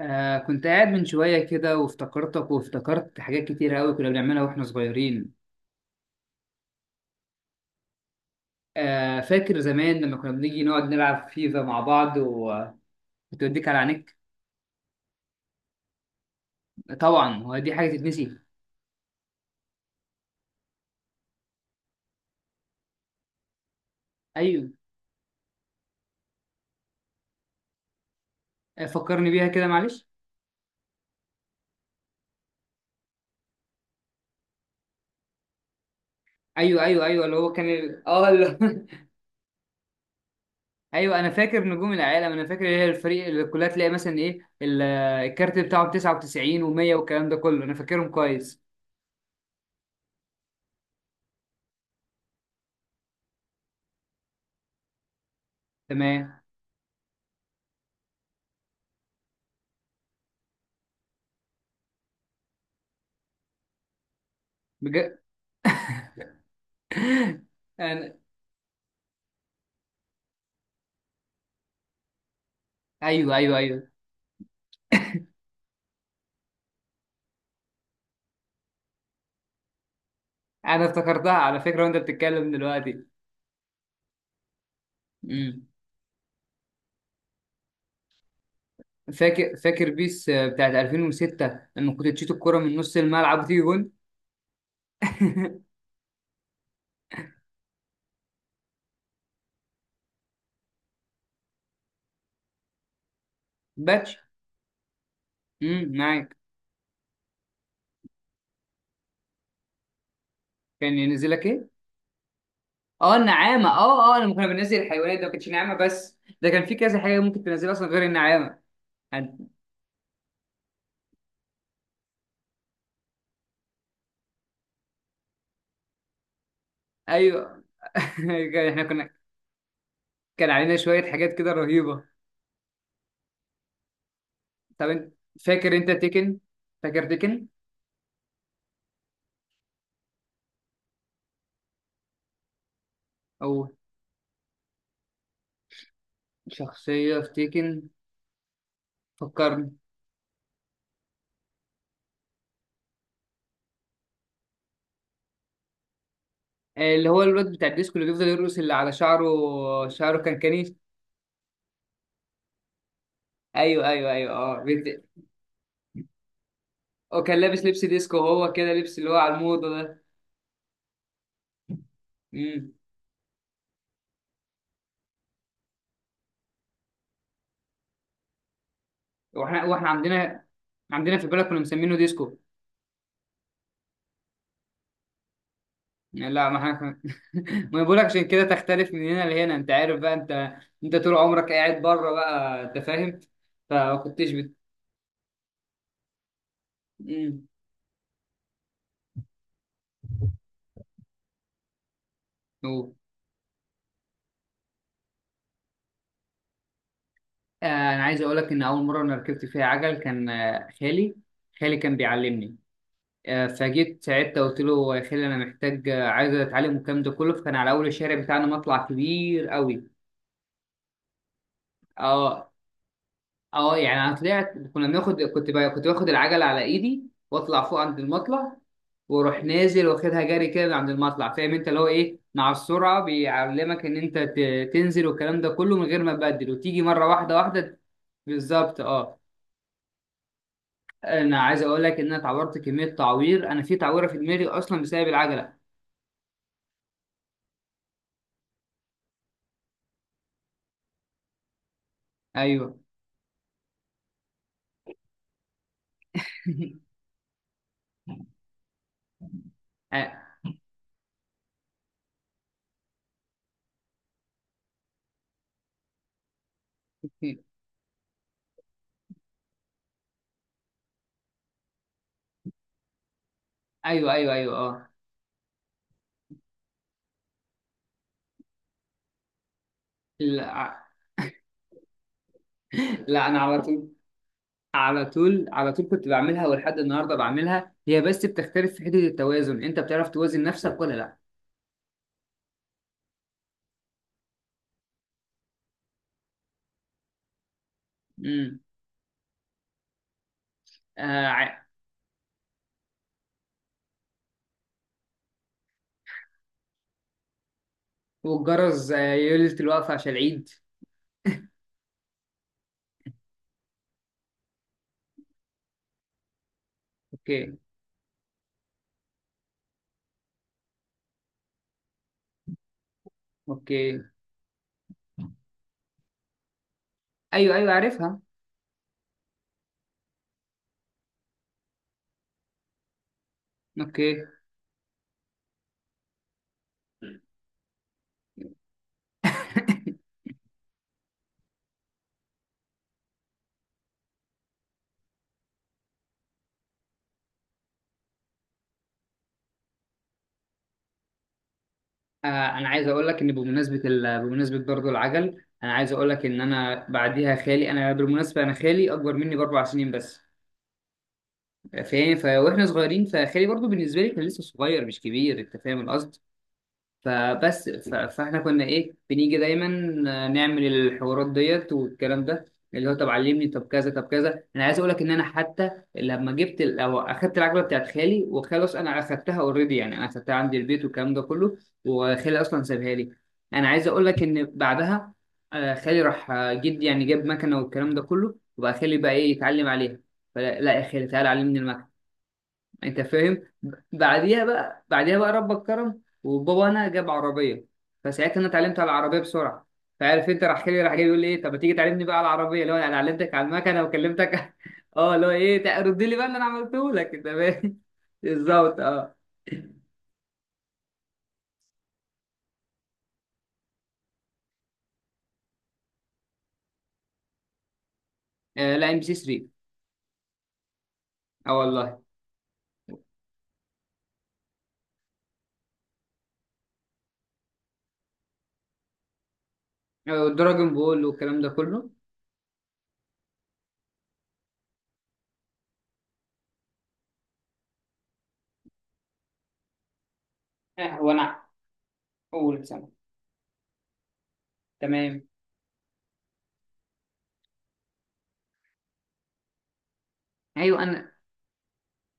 كنت قاعد من شوية كده، وافتكرتك وافتكرت حاجات كتير أوي كنا بنعملها وإحنا صغيرين. فاكر زمان لما كنا بنيجي نقعد نلعب فيفا مع بعض، وتوديك على عينيك. طبعا هو دي حاجة تتنسي؟ أيوه. فكرني بيها كده، معلش. أيوه أيوه أيوه، اللي هو كان أيوه، أنا فاكر نجوم العالم. أنا فاكر إيه الفريق اللي كلها، تلاقي مثلا إيه الكارت بتاعه 99 و100 والكلام ده كله، أنا فاكرهم كويس. تمام. بجد. أنا... أيوه أيوه أيوه، انا افتكرتها على فكره وانت بتتكلم دلوقتي. امم. فاكر بيس، بتاعت 2006، لما كنت تشيط الكرة من نص الملعب وتيجي جون. باتش. معاك. كان ينزل لك ايه؟ اه، النعامه. اه اه، لما كنا بننزل الحيوانات ده ما كانتش نعامه، بس ده كان في كذا حاجه ممكن تنزلها اصلا غير النعامه. هن- ايوه. احنا كنا، كان علينا شويه حاجات كده رهيبه. طب انت، فاكر انت تيكن؟ فاكر تيكن؟ او شخصيه في تيكن؟ فكرني. اللي هو الواد بتاع الديسكو، اللي بيفضل يرقص، اللي على شعره. شعره كان كنيف. ايوه ايوه ايوه اه هو كان لابس لبس ديسكو، وهو كده لبس اللي هو على الموضه ده. امم. واحنا عندنا في البلد كنا مسمينه ديسكو. لا ما احنا ما أنا بقولك، عشان كده تختلف من هنا لهنا. انت عارف بقى، انت طول عمرك قاعد بره بقى، انت فاهم. فما كنتش بت... امم. أوه. انا عايز اقول لك ان اول مره انا ركبت فيها عجل كان، خالي. خالي كان بيعلمني. فجيت ساعتها قلت له: يا خالي انا محتاج، عايز اتعلم الكلام ده كله. فكان على اول الشارع بتاعنا مطلع كبير قوي. اه. اه يعني انا طلعت، كنا بناخد كنت بقى كنت باخد العجله على ايدي واطلع فوق عند المطلع، واروح نازل واخدها جري كده من عند المطلع. فاهم انت اللي هو ايه، مع السرعه بيعلمك ان انت تنزل والكلام ده كله، من غير ما تبدل وتيجي مره واحده واحده. بالظبط، اه. انا عايز اقول لك ان انا اتعورت كميه تعوير. انا في تعويره في دماغي اصلا بسبب العجله. ايوه. آه، ايوه ايوه ايوه اه. لا، لا انا على طول. على طول على طول كنت بعملها، ولحد النهارده بعملها. هي بس بتختلف في حته التوازن. انت بتعرف توازن نفسك ولا لا؟ امم. آه ع- والجرس، ليله الوقفه عشان العيد. اوكي. اوكي. ايوه ايوه، عارفها. اوكي. آه انا عايز اقول لك ان بمناسبه برضه العجل، انا عايز اقول لك ان انا بعديها خالي، انا بالمناسبه انا خالي اكبر مني باربع سنين بس. واحنا صغيرين، فخالي برضو بالنسبه لي كان لسه صغير مش كبير، انت فاهم القصد. فاحنا كنا ايه، بنيجي دايما نعمل الحوارات ديت والكلام ده، اللي هو: طب علمني، طب كذا طب كذا. انا عايز اقول لك ان انا حتى لما جبت ال... او اخدت العجله بتاعت خالي وخلاص، انا اخدتها اوريدي يعني، انا اخدتها عندي البيت والكلام ده كله. وخالي اصلا سابها لي. انا عايز اقول لك ان بعدها، خالي راح، جدي يعني جاب مكنه والكلام ده كله، وبقى خالي بقى ايه يتعلم عليها. فلا لا يا خالي تعالى علمني المكنه، انت فاهم. بعديها بقى، ربك كرم وبابا انا جاب عربيه. فساعتها انا اتعلمت على العربيه بسرعه. فعارف انت، راح جاي راح جاي بيقول لي ايه: طب ما تيجي تعلمني بقى على العربيه، اللي هو انا علمتك على المكنه وكلمتك. اه، اللي هو ايه، رد لي بقى اللي انا عملته لك، انت فاهم. بالظبط، اه. لا ام بي سي 3. اه والله. دراجون بول والكلام ده كله. وانا اول سنه. تمام. ايوه انا،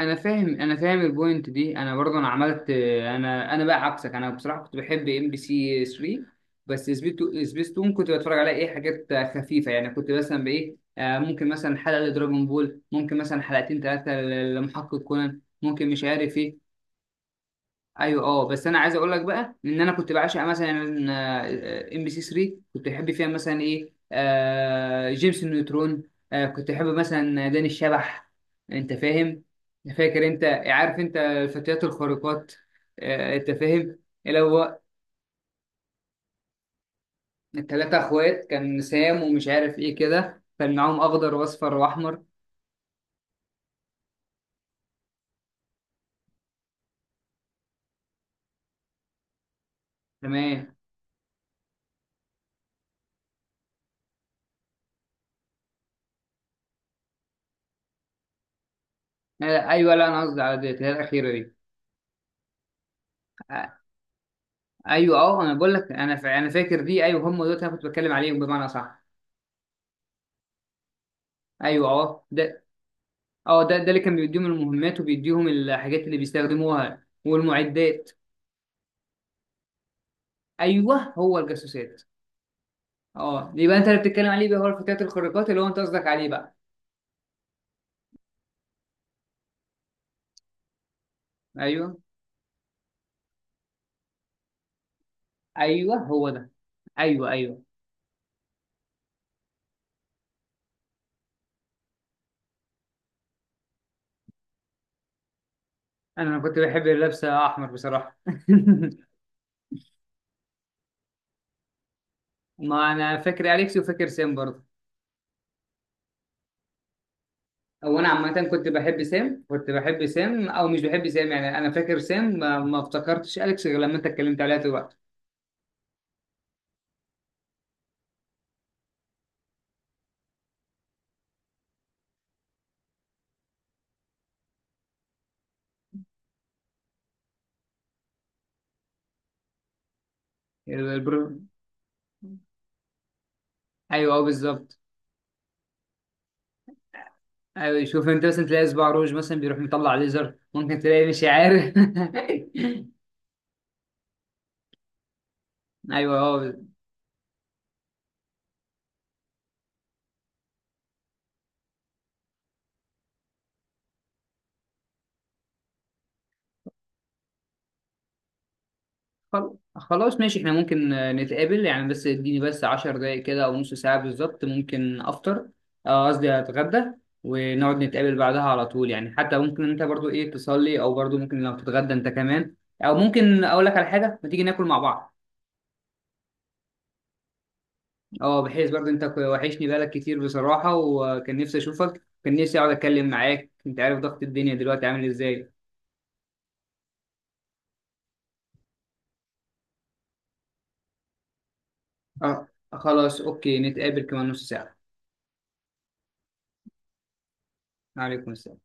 انا فاهم البوينت دي. انا برضه انا عملت، انا بقى عكسك، انا بصراحه كنت بحب ام بي سي 3. بس سبيستون كنت بتفرج على ايه، حاجات خفيفه يعني. كنت مثلا بايه، ممكن مثلا حلقه لدراجون بول، ممكن مثلا حلقتين ثلاثه لمحقق كونان، ممكن مش عارف ايه. ايوه اه، بس انا عايز اقول لك بقى ان انا كنت بعشق مثلا، ام بي سي 3 كنت بحب فيها مثلا ايه، جيمس النيوترون. كنت بحب مثلا داني الشبح، انت فاهم. فاكر انت، عارف انت الفتيات الخارقات؟ انت فاهم. اللي هو الثلاثه اخوات، كان سام ومش عارف ايه كده، كان معاهم اخضر واصفر واحمر. تمام. آه، ايوه، لا انا قصدي على ديت، اللي هي الاخيره دي. آه، ايوه اه، انا بقول لك، انا فاكر دي، ايوه هم دول، انا كنت بتكلم عليهم بمعنى صح. ايوه اه ده. اه، ده اللي كان بيديهم المهمات وبيديهم الحاجات اللي بيستخدموها والمعدات. ايوه، هو الجاسوسات. اه، يبقى انت اللي بتتكلم عليه بقى هو الفتيات الخارقات، اللي هو انت قصدك عليه بقى. ايوه ايوه، هو ده. ايوه ايوه. انا كنت بحب اللبسه احمر بصراحه. ما انا فاكر اليكس وفاكر سام برضه. او انا عامه كنت بحب سام، كنت بحب سام او مش بحب سام يعني. انا فاكر سام، ما افتكرتش اليكس غير لما انت اتكلمت عليها دلوقتي. البرو... ايوه اه، بالظبط. ايوه شوف انت، مثلا تلاقي صباع روج مثلا بيروح مطلع ليزر، ممكن تلاقي مش عارف. ايوه اه. خلاص، ماشي احنا ممكن، نتقابل يعني، بس اديني بس 10 دقايق كده او نص ساعة بالظبط، ممكن افطر، قصدي اتغدى. ونقعد نتقابل بعدها على طول يعني، حتى ممكن انت برضو ايه تصلي، او برضو ممكن لو تتغدى انت كمان. او ممكن اقول لك على حاجة، ما تيجي ناكل مع بعض. اه، بحيث برضو انت وحشني بالك كتير بصراحة، وكان نفسي اشوفك، كان نفسي اقعد اتكلم معاك. انت عارف ضغط الدنيا دلوقتي عامل ازاي. اه خلاص، اوكي نتقابل كمان نص ساعة. عليكم السلام.